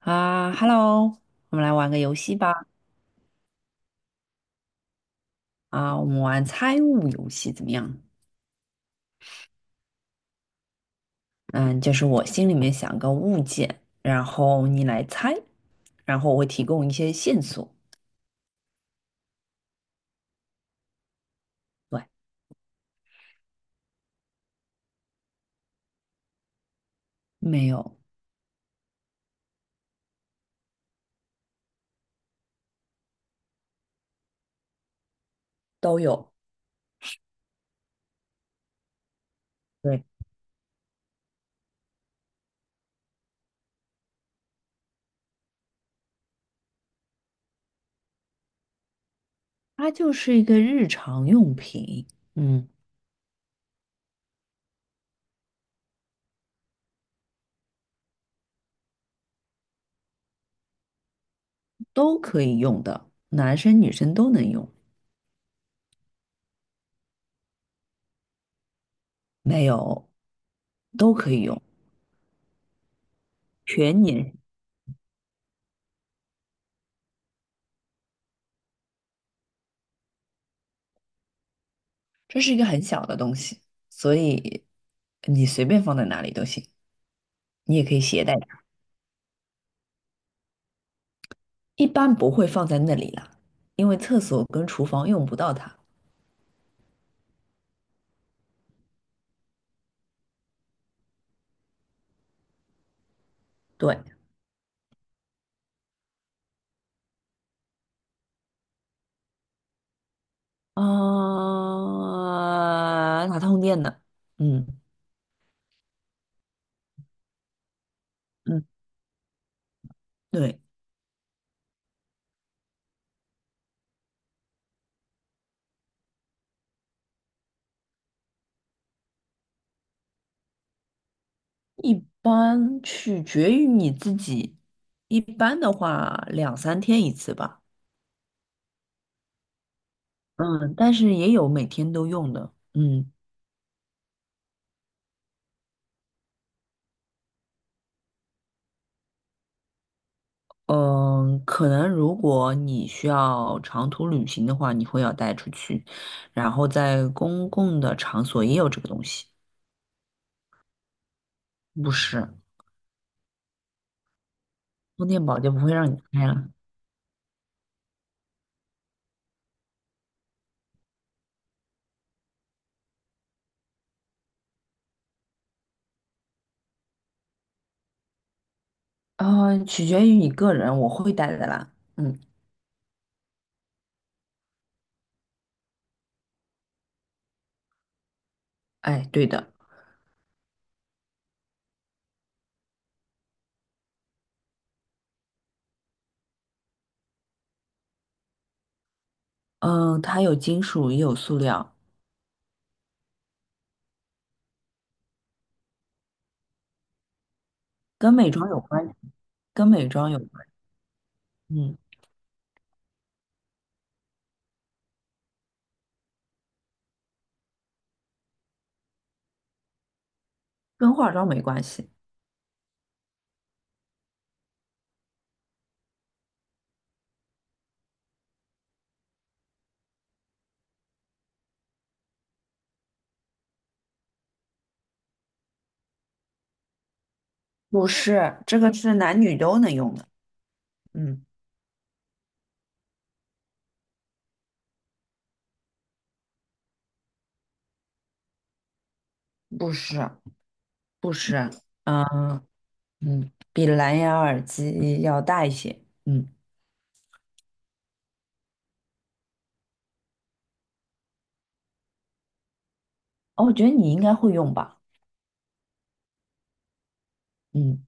啊，Hello，我们来玩个游戏吧。啊，我们玩猜物游戏怎么样？嗯，就是我心里面想个物件，然后你来猜，然后我会提供一些线索。对，没有，都有。对，它就是一个日常用品。嗯，都可以用的，男生女生都能用。没有，都可以用，全年。这是一个很小的东西，所以你随便放在哪里都行，你也可以携带。一般不会放在那里了，因为厕所跟厨房用不到它。对，哪通电的。嗯嗯，对。一般取决于你自己，一般的话两三天一次吧。嗯，但是也有每天都用的。嗯。嗯，可能如果你需要长途旅行的话，你会要带出去，然后在公共的场所也有这个东西。不是。充电宝就不会让你开了。嗯，取决于你个人，我会带的啦。嗯，哎，对的。嗯、它有金属也有塑料。跟美妆有关，跟美妆有关。嗯，跟化妆没关系。不是，这个是男女都能用的。嗯，不是，不是 嗯。比蓝牙耳机要大一些。嗯，哦，我觉得你应该会用吧。嗯，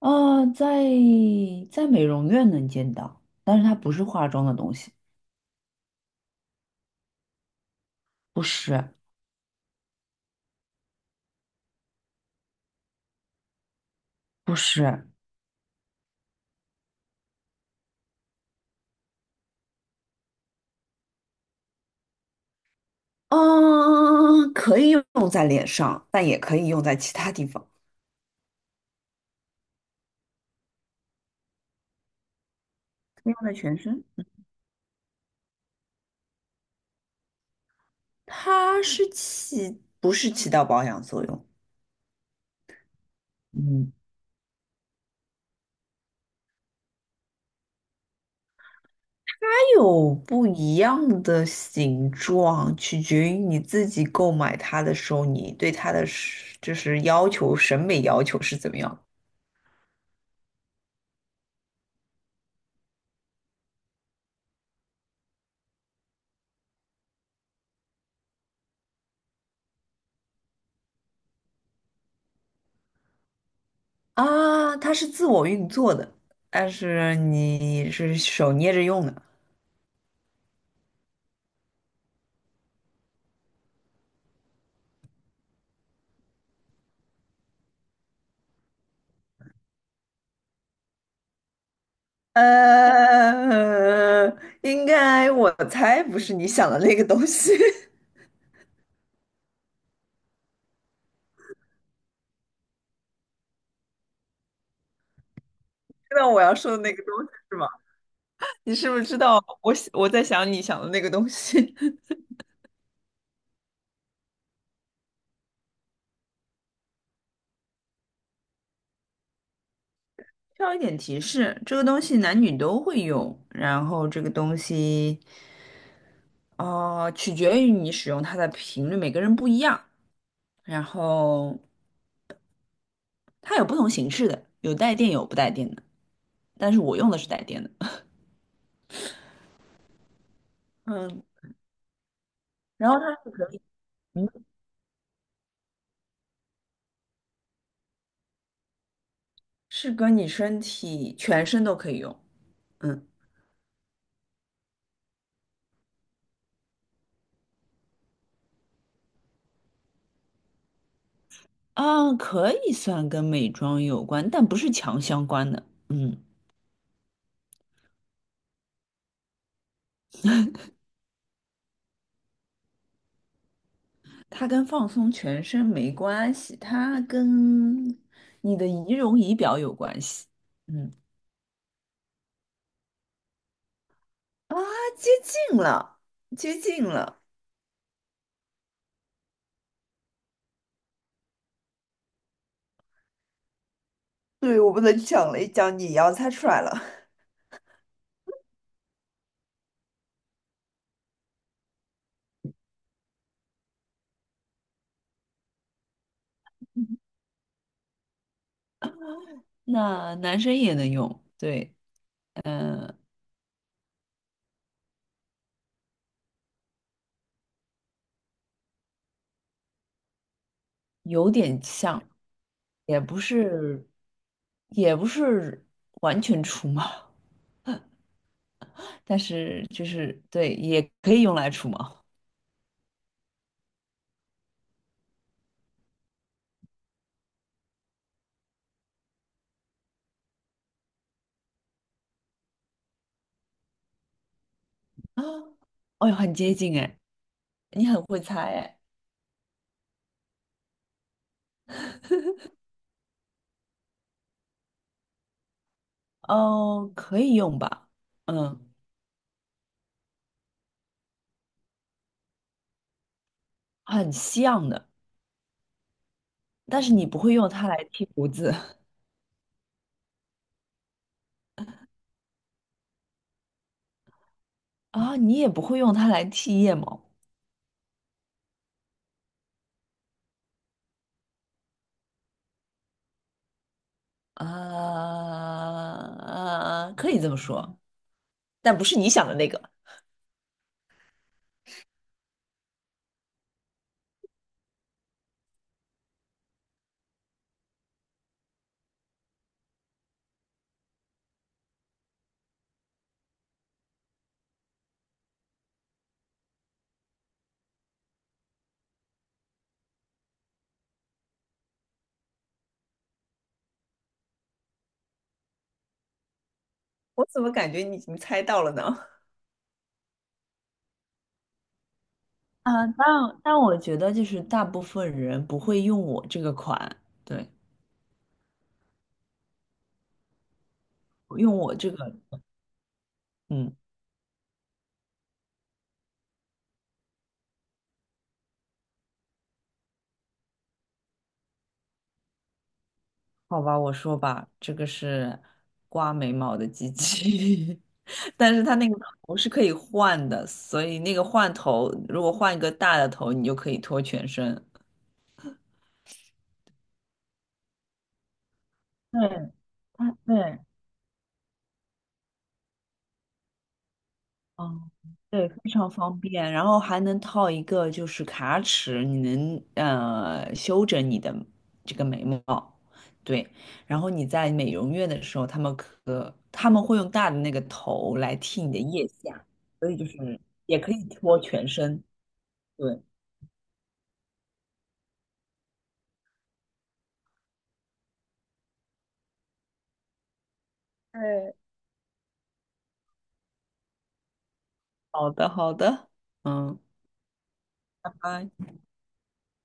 呃，在在美容院能见到，但是它不是化妆的东西。不是。不是，嗯，可以用在脸上，但也可以用在其他地方，用在全身。它是起，不是起到保养作用。嗯，它有不一样的形状，取决于你自己购买它的时候，你对它的要求、审美要求是怎么样？啊？它是自我运作的，但是你是手捏着用的。呃，应该我猜不是你想的那个东西。知道我要说的那个东西是吗？你是不是知道我在想你想的那个东西？需要一点提示，这个东西男女都会用，然后这个东西，哦，取决于你使用它的频率，每个人不一样，然后它有不同形式的，有带电有不带电的，但是我用的是带电的。嗯，然后它是可以，嗯是跟你身体全身都可以用。嗯，啊，可以算跟美妆有关，但不是强相关的。嗯，它跟放松全身没关系，它跟你的仪容仪表有关系。嗯，啊，接近了，接近了。对，我不能讲了，一讲你要猜出来了。那男生也能用，对。嗯、有点像，也不是，也不是完全出嘛。但是就是对，也可以用来除毛啊。哦哟，很接近哎，你很会猜哎。哦，可以用吧？嗯，很像的，但是你不会用它来剃胡子。 啊，你也不会用它来剃腋毛啊，可以这么说，但不是你想的那个。我怎么感觉你已经猜到了呢？啊。但我觉得就是大部分人不会用我这个款，对，用我这个。嗯。好吧，我说吧，这个是刮眉毛的机器。但是它那个头是可以换的，所以那个换头，如果换一个大的头，你就可以脱全身。对，它对，哦，对，非常方便，然后还能套一个就是卡尺，你能修整你的这个眉毛，对，然后你在美容院的时候，他们会用大的那个头来剃你的腋下，所以就是也可以脱全身，对，对。好的好的，嗯，拜拜。